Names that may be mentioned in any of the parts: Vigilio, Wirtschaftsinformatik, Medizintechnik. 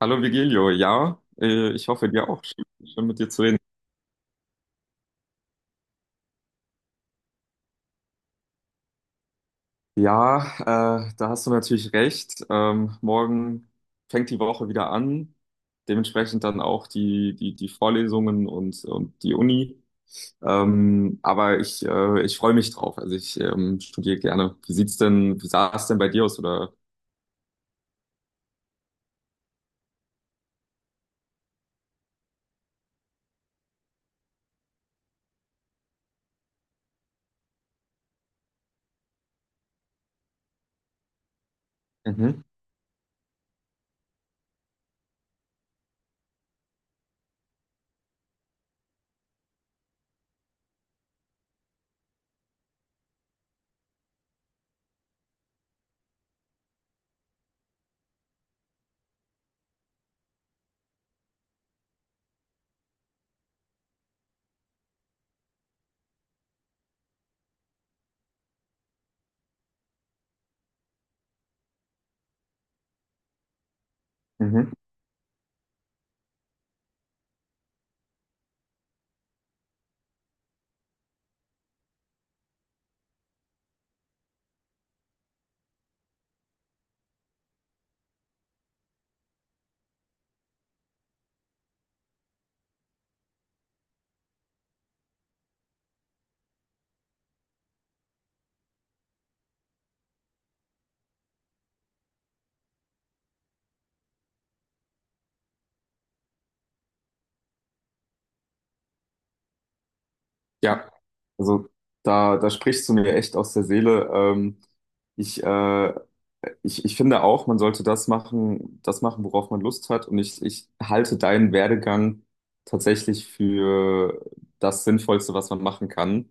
Hallo Vigilio, ja, ich hoffe dir auch. Schön, schön mit dir zu reden. Ja, da hast du natürlich recht. Morgen fängt die Woche wieder an. Dementsprechend dann auch die Vorlesungen und die Uni. Aber ich freue mich drauf. Also ich studiere gerne. Wie sah es denn bei dir aus? Oder? Mhm. Mhm. Ja, also da sprichst du mir echt aus der Seele. Ich, äh, ich finde auch, man sollte das machen, worauf man Lust hat. Und ich halte deinen Werdegang tatsächlich für das Sinnvollste, was man machen kann.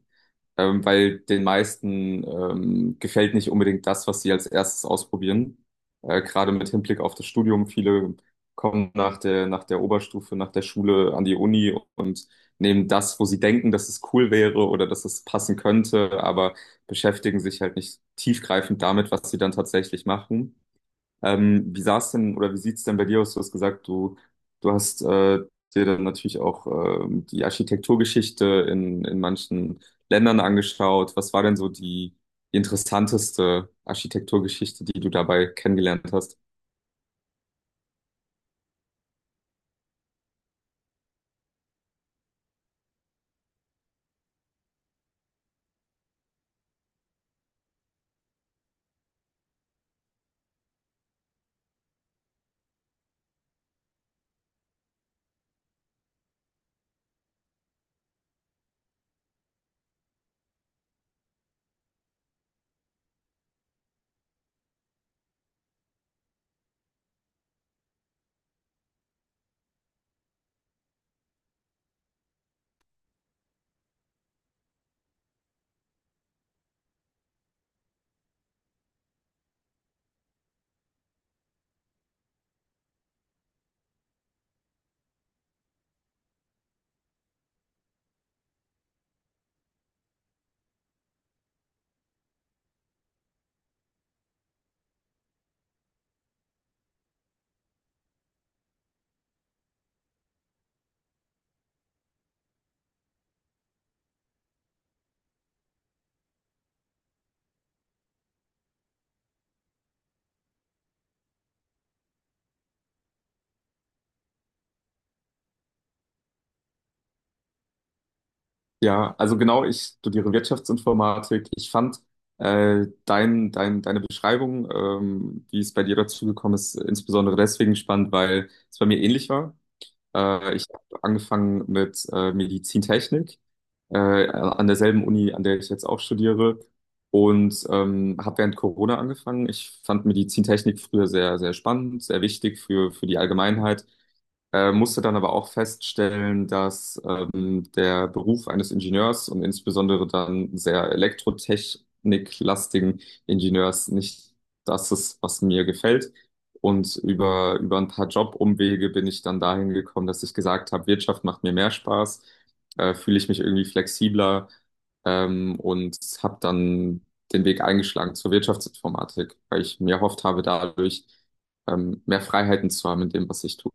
Weil den meisten gefällt nicht unbedingt das, was sie als erstes ausprobieren. Gerade mit Hinblick auf das Studium. Viele kommen nach der Oberstufe, nach der Schule an die Uni und nehmen das, wo sie denken, dass es cool wäre oder dass es passen könnte, aber beschäftigen sich halt nicht tiefgreifend damit, was sie dann tatsächlich machen. Wie sah's denn oder wie sieht's denn bei dir aus? Du hast gesagt, du hast dir dann natürlich auch die Architekturgeschichte in manchen Ländern angeschaut. Was war denn so die interessanteste Architekturgeschichte, die du dabei kennengelernt hast? Ja, also genau, ich studiere Wirtschaftsinformatik. Ich fand deine Beschreibung, wie es bei dir dazu gekommen ist, insbesondere deswegen spannend, weil es bei mir ähnlich war. Ich habe angefangen mit Medizintechnik an derselben Uni, an der ich jetzt auch studiere und habe während Corona angefangen. Ich fand Medizintechnik früher sehr, sehr spannend, sehr wichtig für die Allgemeinheit. Musste dann aber auch feststellen, dass der Beruf eines Ingenieurs und insbesondere dann sehr elektrotechniklastigen Ingenieurs nicht das ist, was mir gefällt. Und über ein paar Jobumwege bin ich dann dahin gekommen, dass ich gesagt habe, Wirtschaft macht mir mehr Spaß, fühle ich mich irgendwie flexibler und habe dann den Weg eingeschlagen zur Wirtschaftsinformatik, weil ich mir erhofft habe, dadurch mehr Freiheiten zu haben in dem, was ich tue.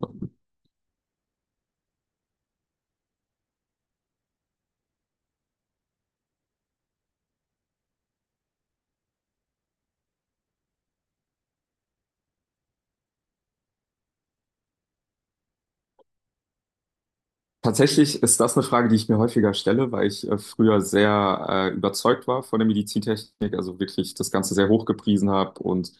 Tatsächlich ist das eine Frage, die ich mir häufiger stelle, weil ich früher sehr überzeugt war von der Medizintechnik, also wirklich das Ganze sehr hoch gepriesen habe und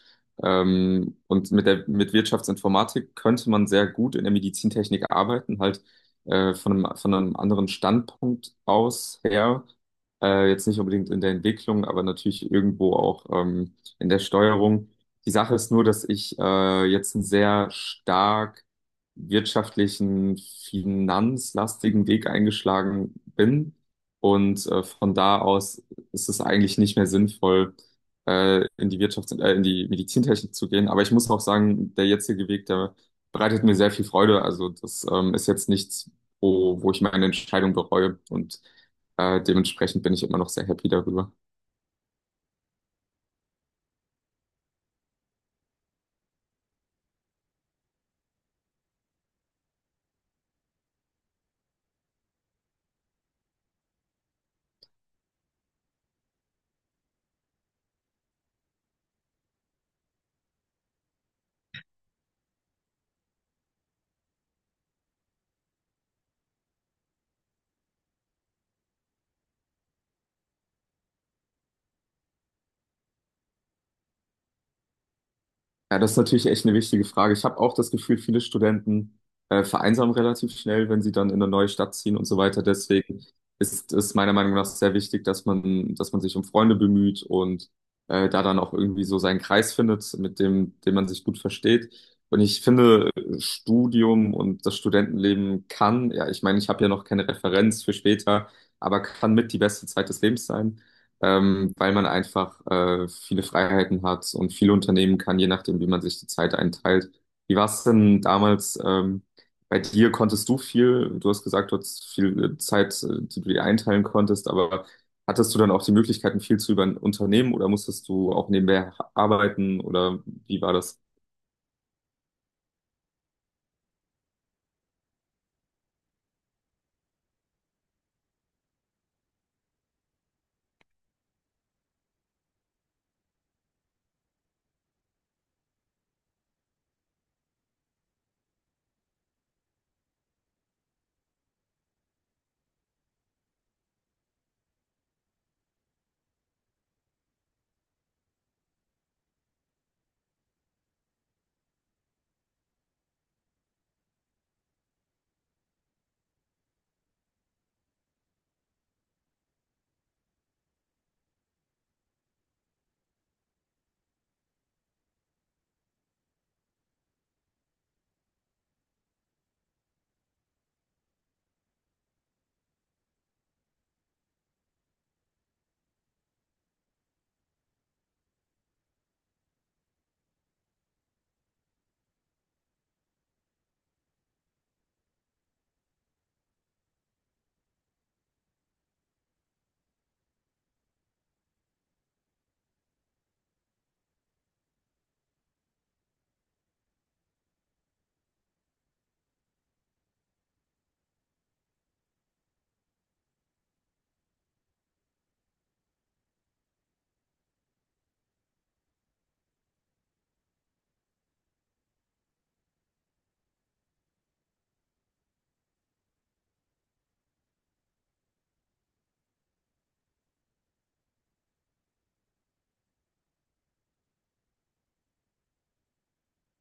und mit Wirtschaftsinformatik könnte man sehr gut in der Medizintechnik arbeiten, halt von einem anderen Standpunkt aus her, jetzt nicht unbedingt in der Entwicklung, aber natürlich irgendwo auch in der Steuerung. Die Sache ist nur, dass ich jetzt einen sehr stark wirtschaftlichen, finanzlastigen Weg eingeschlagen bin. Und von da aus ist es eigentlich nicht mehr sinnvoll, in die Medizintechnik zu gehen. Aber ich muss auch sagen, der jetzige Weg, der bereitet mir sehr viel Freude. Also das ist jetzt nichts, wo ich meine Entscheidung bereue. Und dementsprechend bin ich immer noch sehr happy darüber. Ja, das ist natürlich echt eine wichtige Frage. Ich habe auch das Gefühl, viele Studenten vereinsamen relativ schnell, wenn sie dann in eine neue Stadt ziehen und so weiter. Deswegen ist es meiner Meinung nach sehr wichtig, dass man sich um Freunde bemüht und da dann auch irgendwie so seinen Kreis findet, mit dem man sich gut versteht. Und ich finde, Studium und das Studentenleben kann, ja, ich meine, ich habe ja noch keine Referenz für später, aber kann mit die beste Zeit des Lebens sein weil man einfach viele Freiheiten hat und viel unternehmen kann, je nachdem, wie man sich die Zeit einteilt. Wie war es denn damals bei dir? Konntest du viel? Du hast gesagt, du hattest viel Zeit, die du dir einteilen konntest, aber hattest du dann auch die Möglichkeiten, viel zu über ein Unternehmen oder musstest du auch nebenbei arbeiten oder wie war das?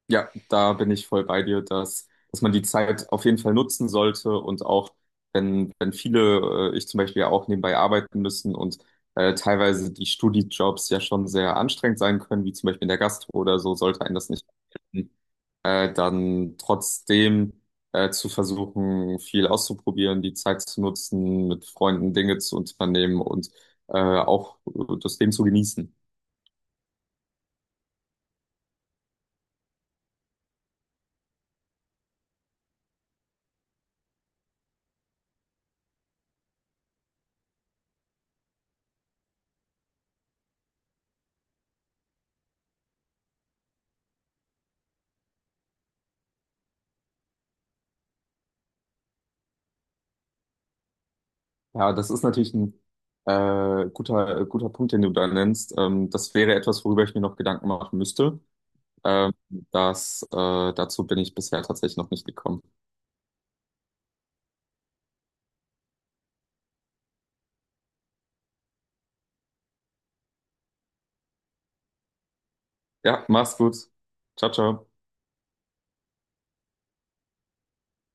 Ja, da bin ich voll bei dir, dass man die Zeit auf jeden Fall nutzen sollte und auch, wenn viele, ich zum Beispiel ja auch nebenbei arbeiten müssen und teilweise die Studijobs ja schon sehr anstrengend sein können, wie zum Beispiel in der Gastro oder so, sollte einen das nicht abhalten, dann trotzdem zu versuchen, viel auszuprobieren, die Zeit zu nutzen, mit Freunden Dinge zu unternehmen und auch das Leben zu genießen. Ja, das ist natürlich ein guter Punkt, den du da nennst. Das wäre etwas, worüber ich mir noch Gedanken machen müsste. Ähm, das, äh, Dazu bin ich bisher tatsächlich noch nicht gekommen. Ja, mach's gut. Ciao, ciao.